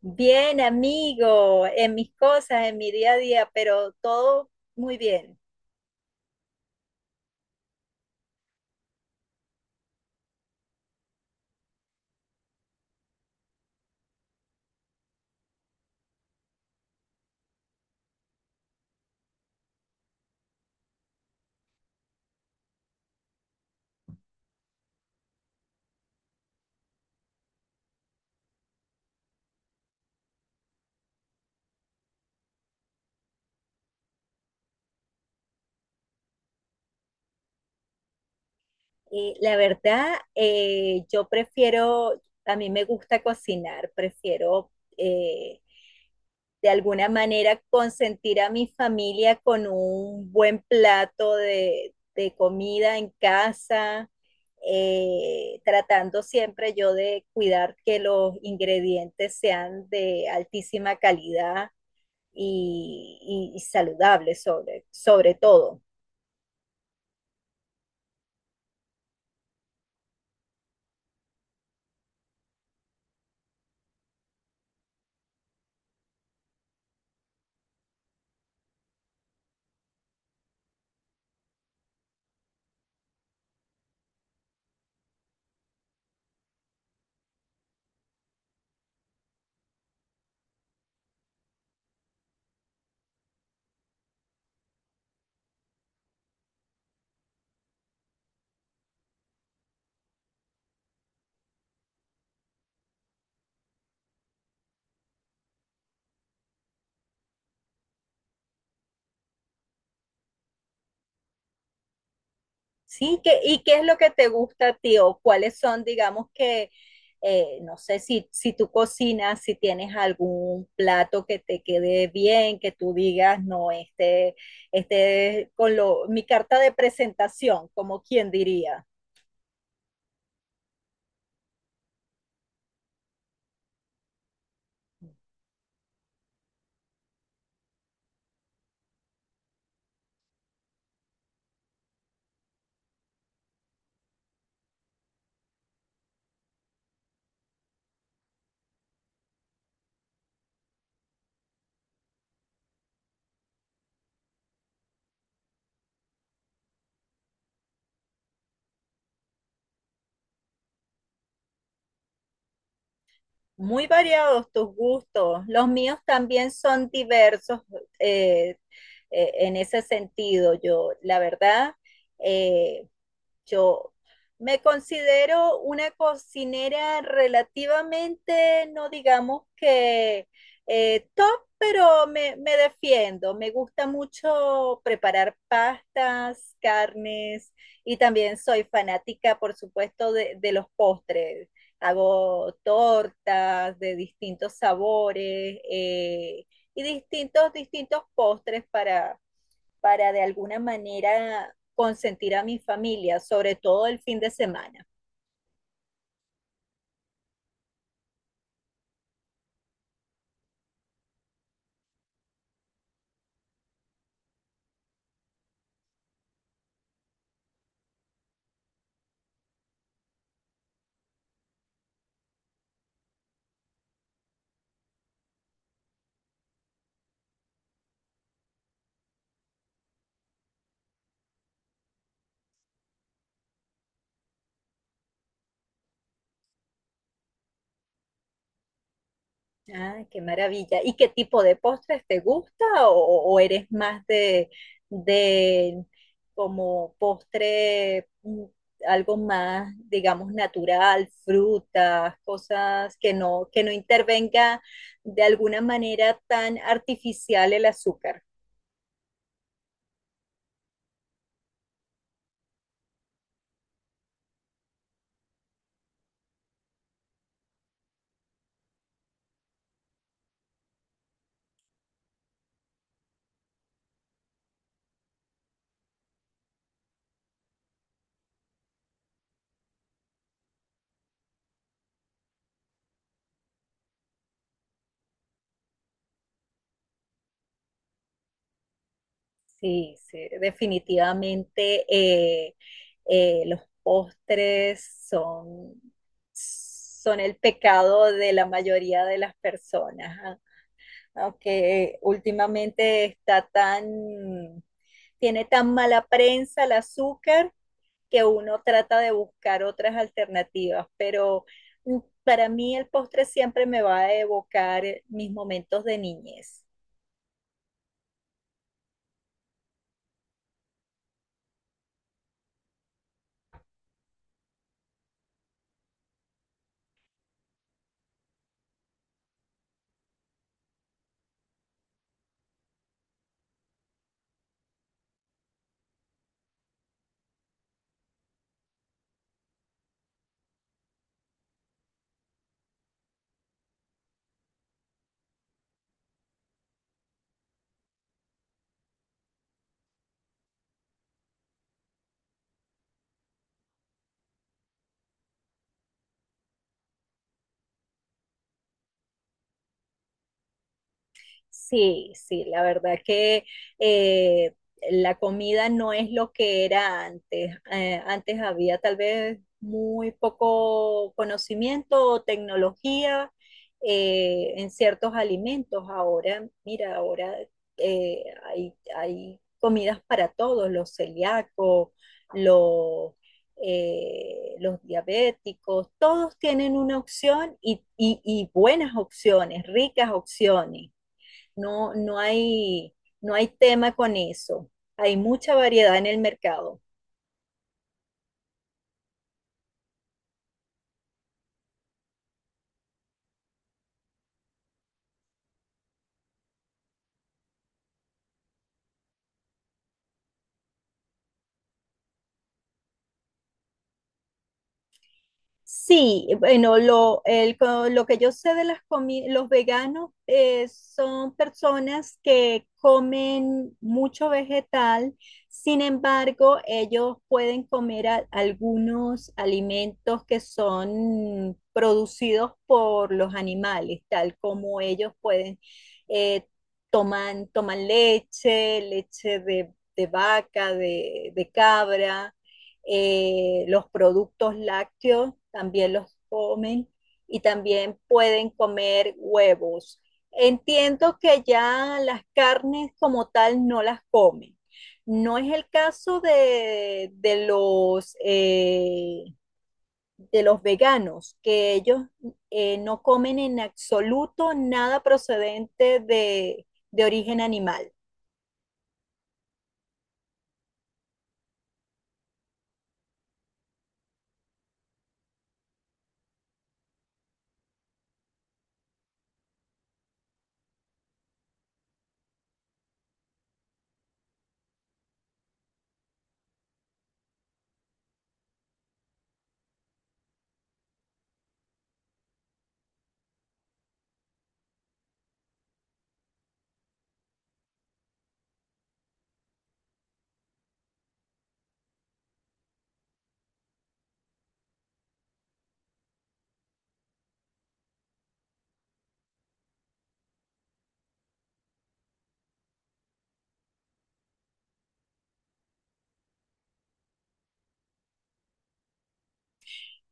Bien, amigo, en mis cosas, en mi día a día, pero todo muy bien. Y la verdad, yo prefiero, a mí me gusta cocinar, prefiero eh, de alguna manera consentir a mi familia con un buen plato de comida en casa, tratando siempre yo de cuidar que los ingredientes sean de altísima calidad y saludable sobre todo. ¿Sí? ¿Y qué es lo que te gusta a ti o cuáles son, digamos que, no sé si tú cocinas, si tienes algún plato que te quede bien, que tú digas, no, este es con lo, mi carta de presentación, como quien diría. Muy variados tus gustos. Los míos también son diversos eh, en ese sentido. Yo, la verdad, eh, yo me considero una cocinera relativamente, no digamos que top, pero me defiendo. Me gusta mucho preparar pastas, carnes y también soy fanática, por supuesto, de los postres, hago tortas de distintos sabores y distintos postres para de alguna manera consentir a mi familia, sobre todo el fin de semana. Ah, qué maravilla. ¿Y qué tipo de postres te gusta o eres más de como postre, algo más, digamos, natural, frutas, cosas que no intervenga de alguna manera tan artificial el azúcar? Sí, sí, definitivamente los postres son, son el pecado de la mayoría de las personas. ¿Ah? Aunque últimamente está tan, tiene tan mala prensa el azúcar que uno trata de buscar otras alternativas, pero mm, para mí el postre siempre me va a evocar mis momentos de niñez. Sí, sí, la verdad que eh, la comida no es lo que era antes. Antes había tal vez muy poco conocimiento o tecnología en ciertos alimentos. Ahora, mira, ahora hay, hay comidas para todos, los celíacos, los, los diabéticos, todos tienen una opción y, y buenas opciones, ricas opciones. No, no hay, no hay tema con eso. Hay mucha variedad en el mercado. Sí, bueno, lo, lo que yo sé de las los veganos son personas que comen mucho vegetal, sin embargo, ellos pueden comer algunos alimentos que son producidos por los animales, tal como ellos pueden eh, toman, toman leche, leche de vaca, de cabra los productos lácteos también los comen y también pueden comer huevos. Entiendo que ya las carnes como tal no las comen. No es el caso de los veganos, que ellos no comen en absoluto nada procedente de origen animal.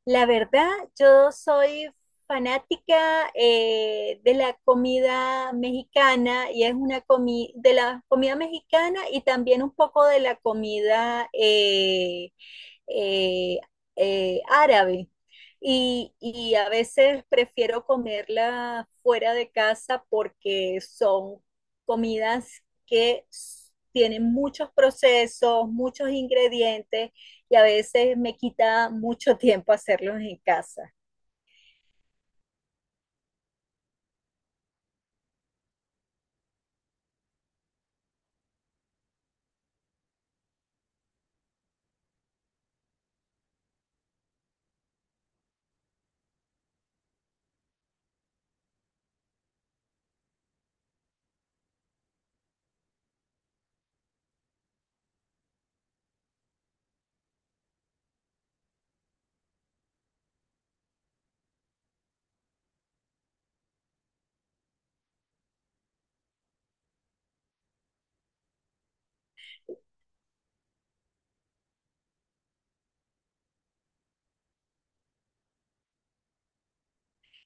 La verdad, yo soy fanática de la comida mexicana y es una comida de la comida mexicana y también un poco de la comida eh, árabe. Y a veces prefiero comerla fuera de casa porque son comidas que tienen muchos procesos, muchos ingredientes y a veces me quita mucho tiempo hacerlos en casa.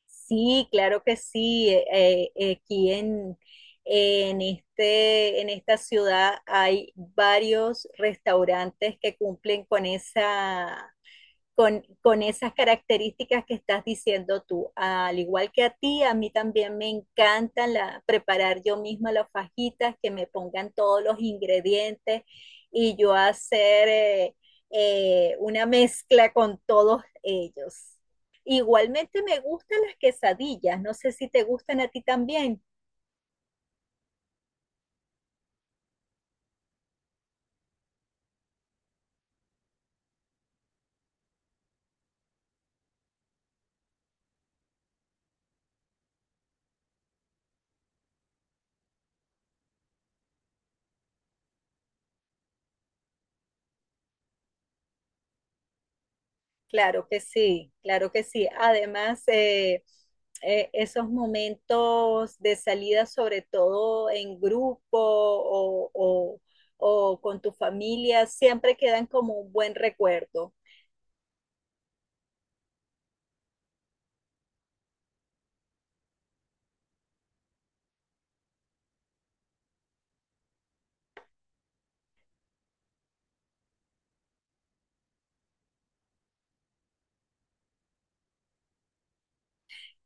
Sí, claro que sí. Aquí en, este, en esta ciudad hay varios restaurantes que cumplen con esa con, esas características que estás diciendo tú. Al igual que a ti, a mí también me encanta la, preparar yo misma las fajitas, que me pongan todos los ingredientes y yo hacer una mezcla con todos ellos. Igualmente me gustan las quesadillas, no sé si te gustan a ti también. Claro que sí, claro que sí. Además, esos momentos de salida, sobre todo en grupo o con tu familia, siempre quedan como un buen recuerdo.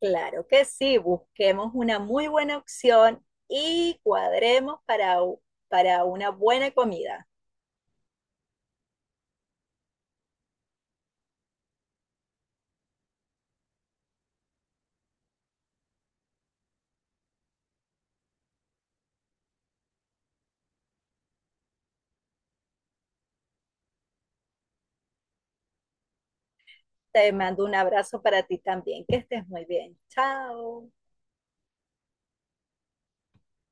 Claro que sí, busquemos una muy buena opción y cuadremos para, para una buena comida. Te mando un abrazo para ti también, que estés muy bien. Chao.